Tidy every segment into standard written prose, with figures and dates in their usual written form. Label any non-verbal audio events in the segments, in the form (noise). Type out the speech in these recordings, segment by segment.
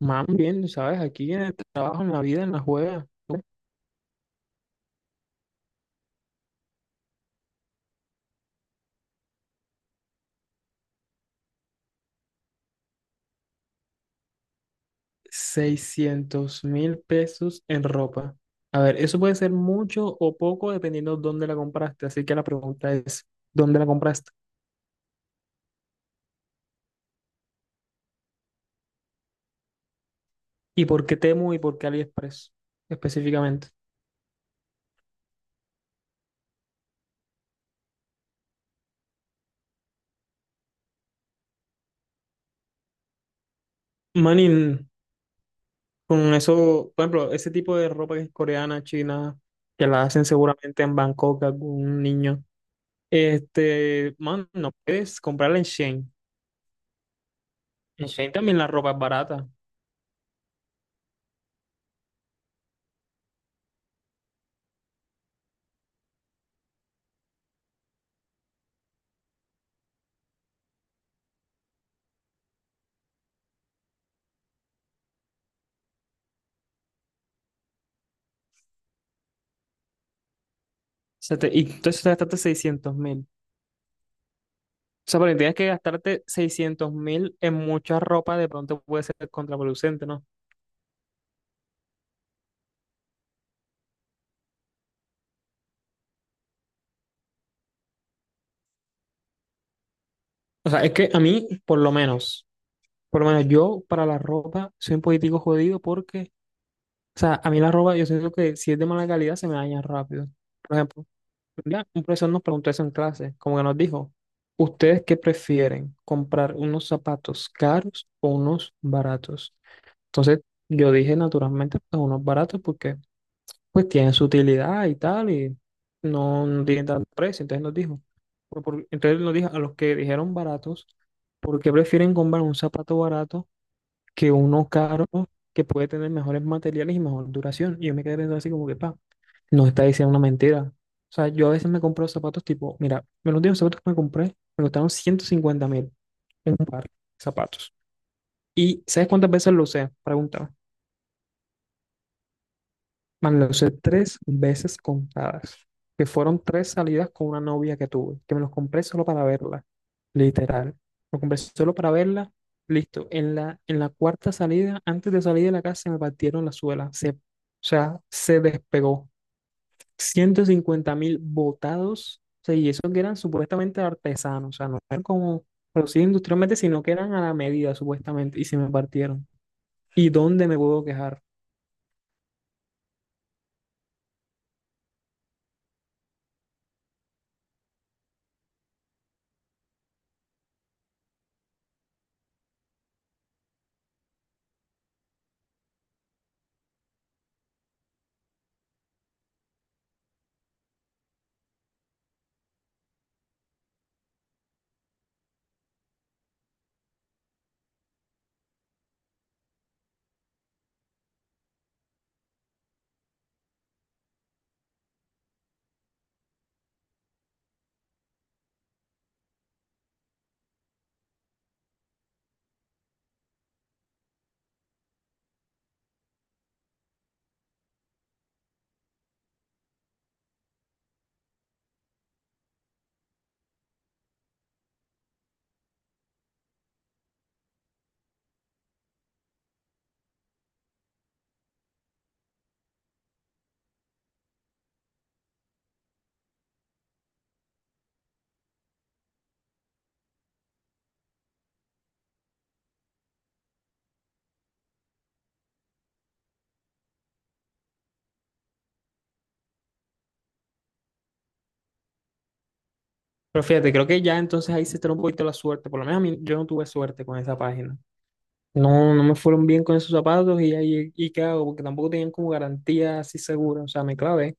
Más bien, ¿sabes? Aquí en el trabajo, en la vida, en la juega, 600.000 pesos en ropa. A ver, eso puede ser mucho o poco dependiendo dónde la compraste. Así que la pregunta es, ¿dónde la compraste? ¿Y por qué Temu y por qué AliExpress específicamente? Manin, con eso, por ejemplo, ese tipo de ropa que es coreana, china, que la hacen seguramente en Bangkok algún niño. Este, man, no puedes comprarla en Shein. En Shein también la ropa es barata. Y entonces te gastaste 600.000. O sea, pero tienes que gastarte 600.000 en mucha ropa, de pronto puede ser contraproducente, ¿no? O sea, es que a mí, por lo menos yo para la ropa soy un político jodido porque, o sea, a mí la ropa, yo siento que si es de mala calidad se me daña rápido. Por ejemplo, ¿verdad? Un profesor nos preguntó eso en clase, como que nos dijo, ¿ustedes qué prefieren? ¿Comprar unos zapatos caros o unos baratos? Entonces, yo dije naturalmente, pues unos baratos porque pues tiene su utilidad y tal, y no, no tiene tanto precio. Entonces nos dijo, entonces nos dijo a los que dijeron baratos, ¿por qué prefieren comprar un zapato barato que uno caro que puede tener mejores materiales y mejor duración? Y yo me quedé pensando así como que, pa, nos está diciendo una mentira. O sea, yo a veces me compro zapatos tipo, mira, me los últimos zapatos que me compré me costaron 150.000, un par de zapatos. ¿Y sabes cuántas veces lo usé? Preguntaba. Man, lo usé tres veces contadas, que fueron tres salidas con una novia que tuve, que me los compré solo para verla, literal. Lo compré solo para verla, listo. En la cuarta salida, antes de salir de la casa, se me partieron la suela, o sea, se despegó. 150.000 botados, o sea, y esos que eran supuestamente artesanos, o sea, no eran como producidos industrialmente, sino que eran a la medida, supuestamente, y se me partieron. ¿Y dónde me puedo quejar? Pero fíjate, creo que ya entonces ahí se está un poquito la suerte. Por lo menos a mí, yo no tuve suerte con esa página. No, no me fueron bien con esos zapatos y ahí, ¿y qué hago? Porque tampoco tenían como garantía así segura. O sea, me clavé.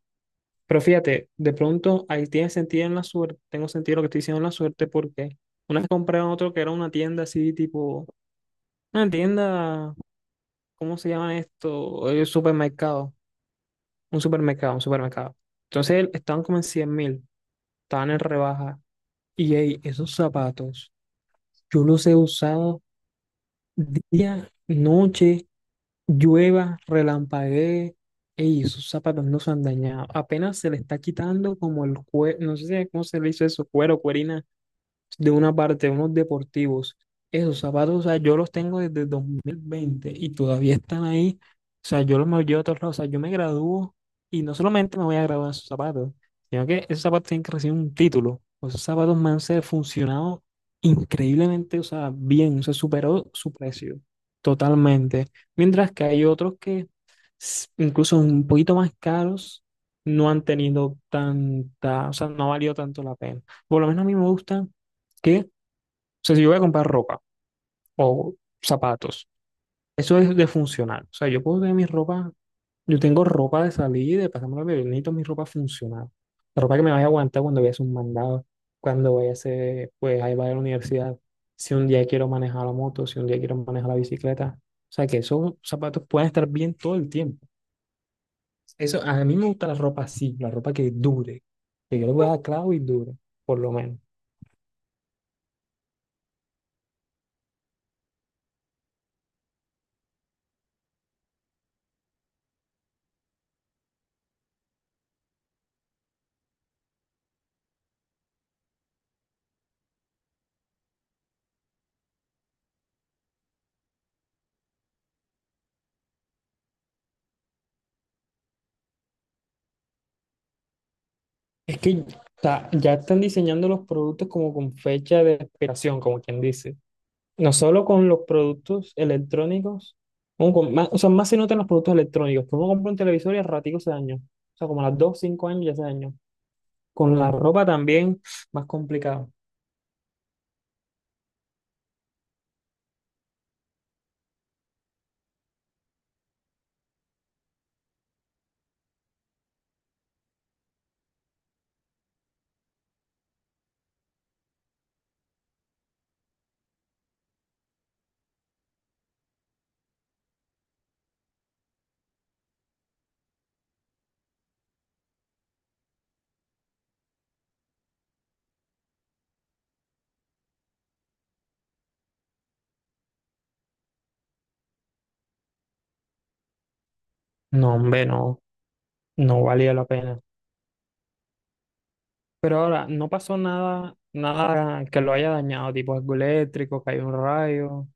Pero fíjate, de pronto ahí tiene sentido en la suerte. Tengo sentido lo que estoy diciendo en la suerte porque una vez compré en otro que era una tienda así tipo, una tienda, ¿cómo se llama esto? Supermercado. Un supermercado, un supermercado. Entonces estaban como en 100.000, estaban en rebaja. Y ey, esos zapatos. Yo los he usado día, noche, llueva, relampaguee. Ey, esos zapatos no se han dañado. Apenas se le está quitando como el cuero, no sé cómo se le hizo eso, cuero, cuerina de una parte, unos deportivos. Esos zapatos, o sea, yo los tengo desde 2020 y todavía están ahí. O sea, yo los me los llevo a todos lados. O sea, yo me gradúo y no solamente me voy a graduar en esos zapatos, sino que esos zapatos tienen que recibir un título. O esos zapatos me han funcionado increíblemente, o sea, bien, o sea, superó su precio totalmente. Mientras que hay otros que, incluso un poquito más caros, no han tenido tanta, o sea, no ha valido tanto la pena. Por lo menos a mí me gusta que, o sea, si yo voy a comprar ropa o zapatos, eso es de funcional. O sea, yo puedo tener mi ropa, yo tengo ropa de salir, de pasarme la vida, yo necesito mi ropa funcional. La ropa que me vaya a aguantar cuando vaya a hacer un mandado, cuando vaya a hacer, pues, ahí vaya a la universidad, si un día quiero manejar la moto, si un día quiero manejar la bicicleta. O sea, que esos zapatos puedan estar bien todo el tiempo. Eso, a mí me gusta la ropa así, la ropa que dure, que yo le voy a dar clavo y dure, por lo menos. Es que ya están diseñando los productos como con fecha de expiración, como quien dice. No solo con los productos electrónicos, como con o sea, más se notan los productos electrónicos. Tú uno compra un televisor y al ratico se dañó. O sea, como a las 2, 5 años ya se dañó. Con la ropa también, más complicado. No, hombre, no, no valía la pena. Pero ahora, no pasó nada, nada que lo haya dañado, tipo algo eléctrico, cayó un rayo.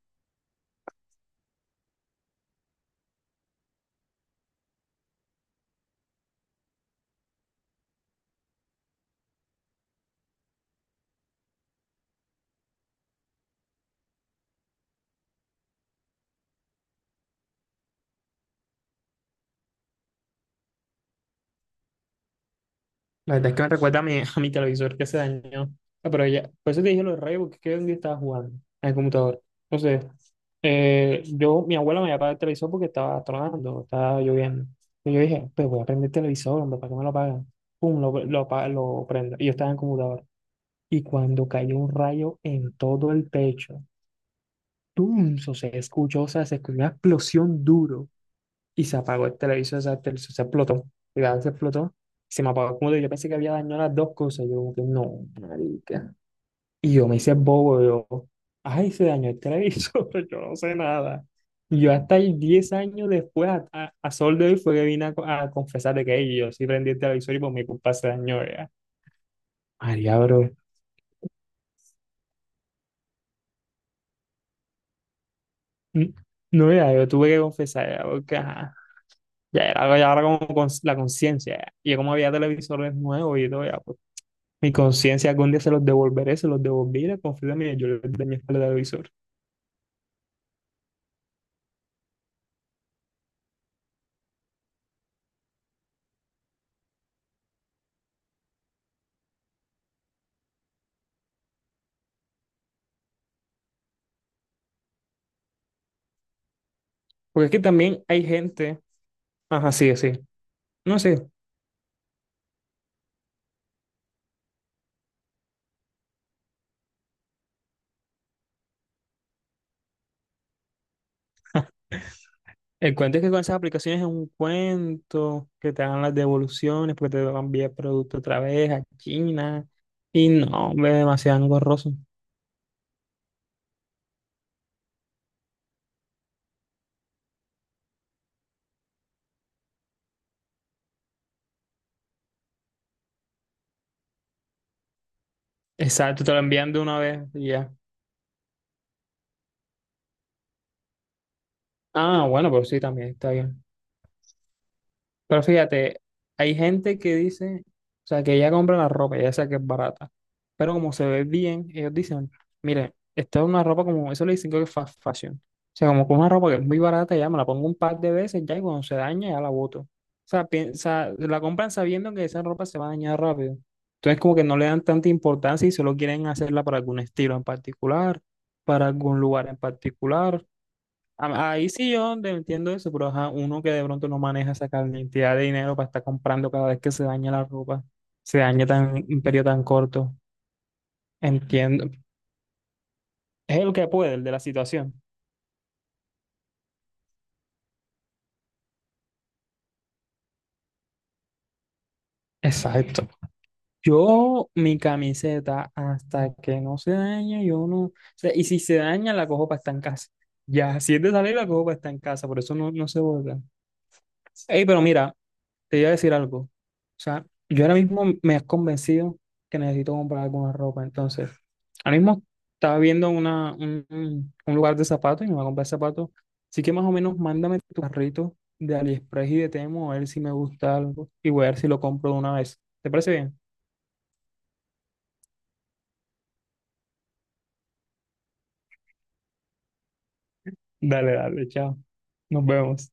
La verdad es que me recuerda a mi, (laughs) a mi televisor que se dañó. Ah, pero ya, por eso te dije los rayos, porque es que un día estaba jugando en el computador. Entonces, mi abuela me había apagado el televisor porque estaba tronando, estaba lloviendo. Y yo dije, pues voy a prender el televisor, hombre, ¿para qué me lo apagan? Pum, lo prendo. Y yo estaba en el computador. Y cuando cayó un rayo en todo el pecho, ¡pum! O sea, se escuchó, o sea, se escuchó una explosión duro y se apagó el televisor, o sea, el televisor se explotó, cuidado, se explotó, se me apagó como yo pensé que había dañado las dos cosas, yo como que no, marica. Y yo me hice bobo, ay, se dañó el televisor, (laughs) yo no sé nada. Y yo hasta ahí 10 años después, a sol de hoy, fue que vine a confesar de que "Ey, yo sí prendí el televisor y por mi culpa se dañó, ya. María, bro, mm, no, ya, yo tuve que confesar, ya, porque, ajá, ya era como la conciencia, ya. Y como había televisores nuevos y todo, ya, mi conciencia algún día se los devolveré, se los devolví, la confío en mí, yo les de mi espalda de visor. Porque es que también hay gente, ajá, sí, sí, no sé, el cuento es que con esas aplicaciones es un cuento, que te dan las devoluciones, porque te van a enviar producto otra vez a China, y no, hombre, es demasiado engorroso. Exacto, te lo envían de una vez y ya. Ah, bueno, pero sí, también está bien. Pero fíjate, hay gente que dice, o sea, que ella compra la ropa, ya sea que es barata, pero como se ve bien, ellos dicen, mire, esta es una ropa como, eso le dicen que es fast fashion. O sea, como con una ropa que es muy barata, ya me la pongo un par de veces, ya y cuando se daña, ya la boto. O sea, piensa, la compran sabiendo que esa ropa se va a dañar rápido. Entonces, como que no le dan tanta importancia y solo quieren hacerla para algún estilo en particular, para algún lugar en particular. Ahí sí yo te entiendo eso, pero ajá, uno que de pronto no maneja esa cantidad de dinero para estar comprando cada vez que se daña la ropa, se daña tan en un periodo tan corto. Entiendo. Es el que puede, el de la situación. Exacto. Yo, mi camiseta, hasta que no se daña, yo no. O sea, y si se daña, la cojo para estar en casa. Ya, si es de salir, la cojo para estar en casa, por eso no, no se vuelve. Ey, pero mira, te iba a decir algo. O sea, yo ahora mismo me has convencido que necesito comprar alguna ropa. Entonces, ahora mismo estaba viendo un lugar de zapatos y me voy a comprar zapatos. Así que más o menos mándame tu carrito de AliExpress y de Temo a ver si me gusta algo y voy a ver si lo compro de una vez. ¿Te parece bien? Dale, dale, chao. Nos vemos.